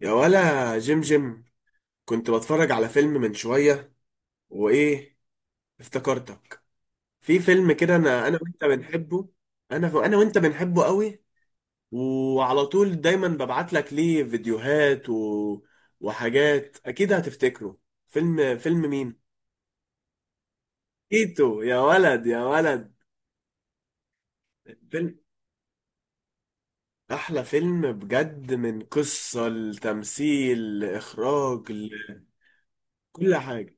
يا ولا جيم جيم، كنت بتفرج على فيلم من شوية وإيه، افتكرتك في فيلم كده أنا وأنت بنحبه. أنا وأنت بنحبه قوي، وعلى طول دايما ببعت لك ليه فيديوهات وحاجات أكيد هتفتكره. فيلم مين؟ تيتو، يا ولد يا ولد. فيلم، أحلى فيلم بجد، من قصة لتمثيل لإخراج لكل حاجة.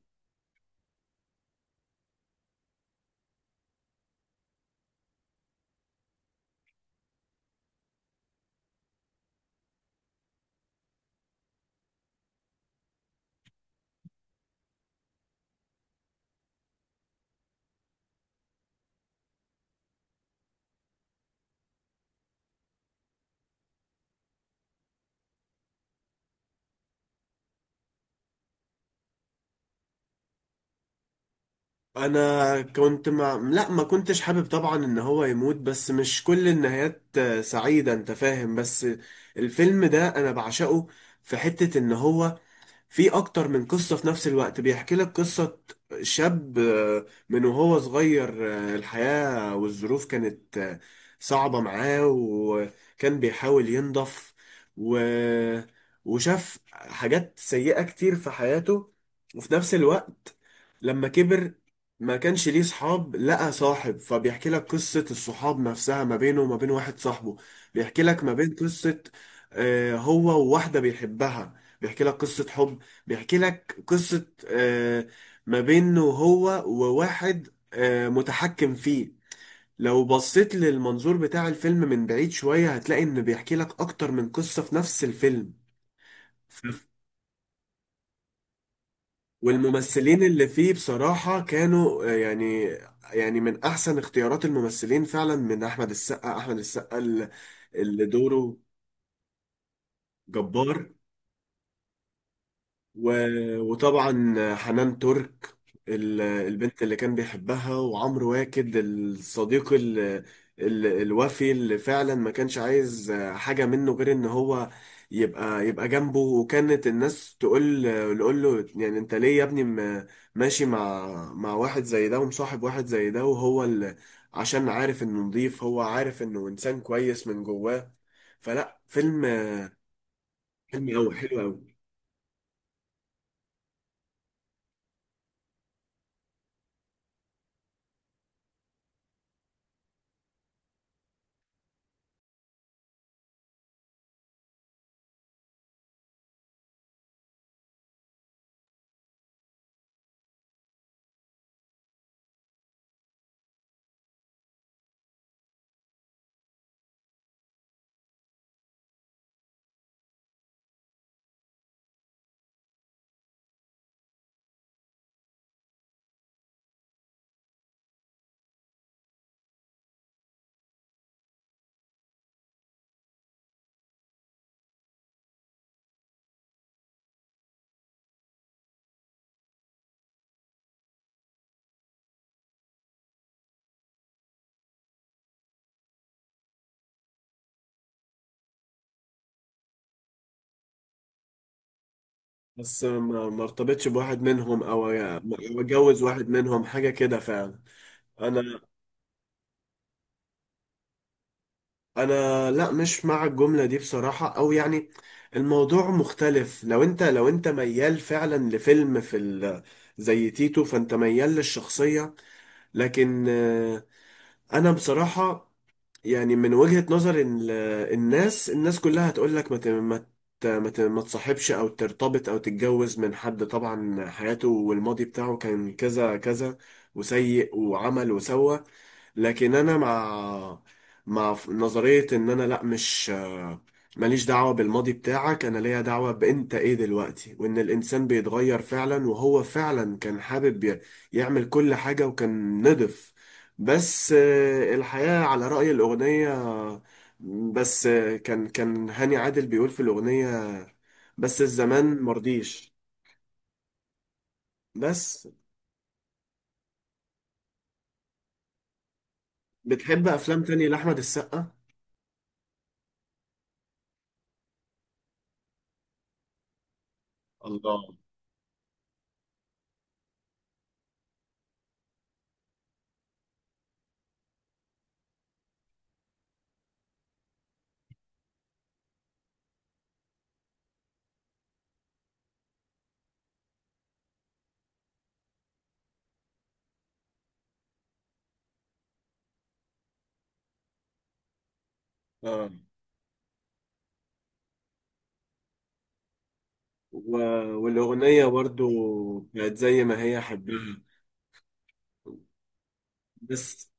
انا كنت مع، لا ما كنتش حابب طبعا ان هو يموت، بس مش كل النهايات سعيدة، انت فاهم. بس الفيلم ده انا بعشقه. في حتة ان هو في اكتر من قصة في نفس الوقت. بيحكي لك قصة شاب من وهو صغير، الحياة والظروف كانت صعبة معاه، وكان بيحاول ينضف و... وشاف حاجات سيئة كتير في حياته. وفي نفس الوقت لما كبر ما كانش ليه صحاب، لقى صاحب، فبيحكي لك قصة الصحاب نفسها ما بينه وما بين واحد صاحبه. بيحكي لك ما بين قصة هو وواحدة بيحبها، بيحكي لك قصة حب، بيحكي لك قصة ما بينه هو وواحد متحكم فيه. لو بصيت للمنظور بتاع الفيلم من بعيد شوية هتلاقي إنه بيحكي لك أكتر من قصة في نفس الفيلم. ف- والممثلين اللي فيه بصراحة كانوا يعني، يعني من أحسن اختيارات الممثلين فعلا، من أحمد السقا. أحمد السقا اللي دوره جبار. وطبعا حنان ترك، البنت اللي كان بيحبها، وعمرو واكد الصديق ال الوفي اللي فعلا ما كانش عايز حاجة منه غير ان هو يبقى جنبه. وكانت الناس تقول له يعني انت ليه يا ابني ماشي مع واحد زي ده، ومصاحب واحد زي ده، وهو اللي، عشان عارف انه نضيف، هو عارف انه انسان كويس من جواه. فيلم، فيلم قوي حلو قوي. بس ما ارتبطش بواحد منهم او أو اتجوز واحد منهم، حاجه كده فعلا. انا انا لا مش مع الجمله دي بصراحه، او يعني الموضوع مختلف. لو انت، لو انت ميال فعلا لفيلم في زي تيتو، فانت ميال للشخصيه. لكن انا بصراحه يعني من وجهة نظر الناس، الناس كلها هتقول لك ما تصاحبش او ترتبط او تتجوز من حد طبعا حياته والماضي بتاعه كان كذا كذا وسيء، وعمل وسوى. لكن انا مع، مع نظرية ان انا لا، مش ماليش دعوة بالماضي بتاعك، انا ليا دعوة بانت ايه دلوقتي، وان الانسان بيتغير فعلا، وهو فعلا كان حابب يعمل كل حاجة وكان نضف. بس الحياة على رأي الأغنية. بس كان كان هاني عادل بيقول في الأغنية بس الزمان مرضيش. بس بتحب أفلام تانية لأحمد السقا؟ الله. آه. و- والأغنية برضو بقت زي ما هي، حبها. بس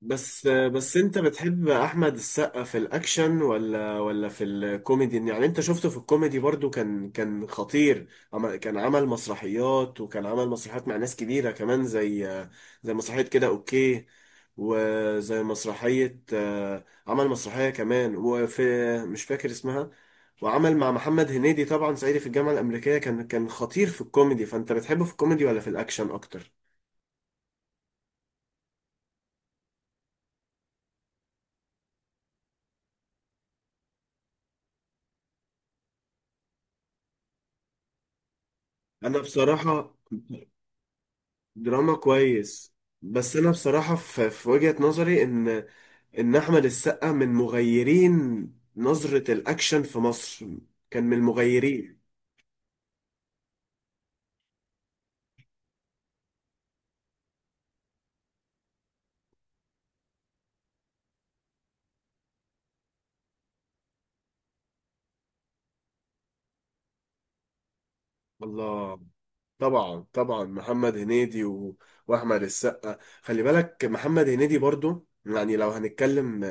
بس انت بتحب احمد السقا في الاكشن ولا ولا في الكوميدي؟ يعني انت شفته في الكوميدي برضو كان كان خطير. كان عمل مسرحيات، وكان عمل مسرحيات مع ناس كبيرة كمان، زي زي مسرحية كده اوكي، وزي مسرحية عمل مسرحية كمان وفي، مش فاكر اسمها، وعمل مع محمد هنيدي طبعا صعيدي في الجامعة الأمريكية. كان كان خطير في الكوميدي، فأنت بتحبه في الكوميدي ولا في الأكشن أكتر؟ أنا بصراحة دراما كويس. بس انا بصراحة في، في وجهة نظري ان ان احمد السقا من مغيرين نظرة الاكشن في مصر، كان من المغيرين. الله. طبعا طبعا محمد هنيدي واحمد السقا. خلي بالك محمد هنيدي برضو، يعني لو هنتكلم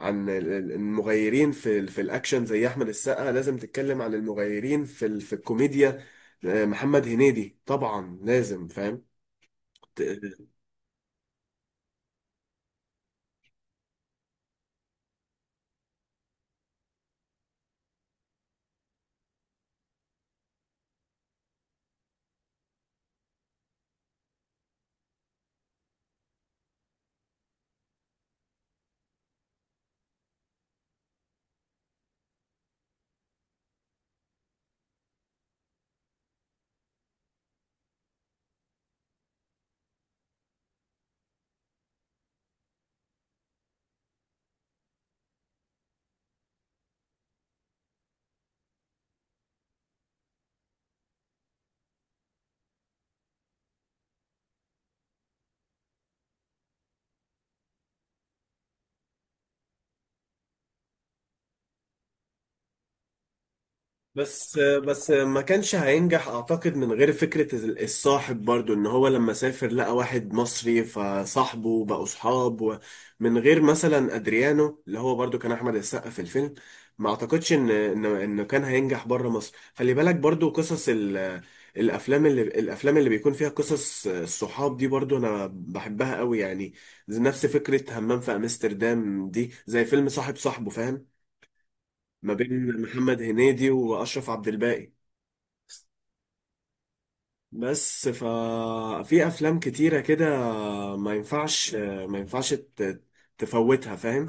عن المغيرين في في الاكشن زي احمد السقا، لازم تتكلم عن المغيرين في في الكوميديا. محمد هنيدي طبعا لازم، فاهم. بس بس ما كانش هينجح اعتقد من غير فكرة الصاحب برضو. ان هو لما سافر لقى واحد مصري فصاحبه، بقوا صحاب. من غير مثلا ادريانو، اللي هو برضو كان احمد السقا في الفيلم، ما اعتقدش ان ان انه كان هينجح بره مصر. خلي بالك برضو قصص الافلام الافلام اللي بيكون فيها قصص الصحاب دي برضو انا بحبها قوي يعني. زي نفس فكرة همام في امستردام دي، زي فيلم صاحب صاحبه، فاهم، ما بين محمد هنيدي واشرف عبد الباقي. بس ففي افلام كتيرة كده ما ينفعش، ما ينفعش تفوتها، فاهم.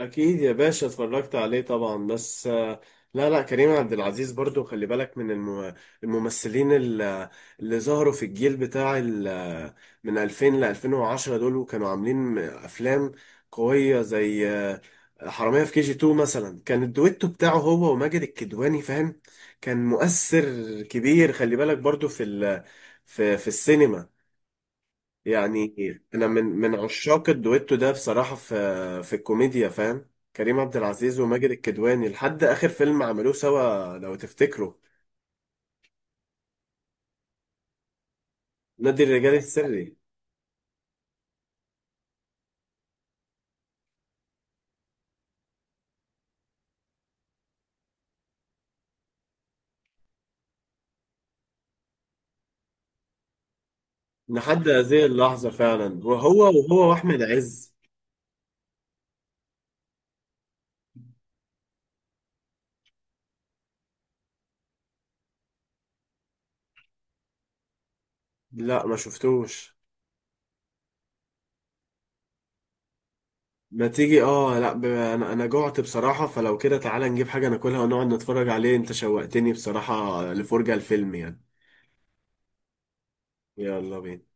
اكيد يا باشا اتفرجت عليه طبعا، بس لا لا، كريم عبد العزيز برضو خلي بالك، من الممثلين اللي ظهروا في الجيل بتاع من 2000 ل 2010، دول وكانوا عاملين افلام قوية زي حرامية في كي جي 2 مثلا. كان الدويتو بتاعه هو وماجد الكدواني، فاهم، كان مؤثر كبير. خلي بالك برضو في في في السينما يعني. انا من من عشاق الدويتو ده بصراحه في في الكوميديا، فاهم. كريم عبد العزيز وماجد الكدواني لحد اخر فيلم عملوه سوا لو تفتكروا، نادي الرجال السري. لحد هذه اللحظه فعلا، وهو، وهو واحمد عز. لا ما شفتوش. ما تيجي، اه لا ب...، انا انا جوعت بصراحه، فلو كده تعالى نجيب حاجه ناكلها ونقعد نتفرج عليه. انت شوقتني بصراحه لفرجه الفيلم يعني. يلا بينا.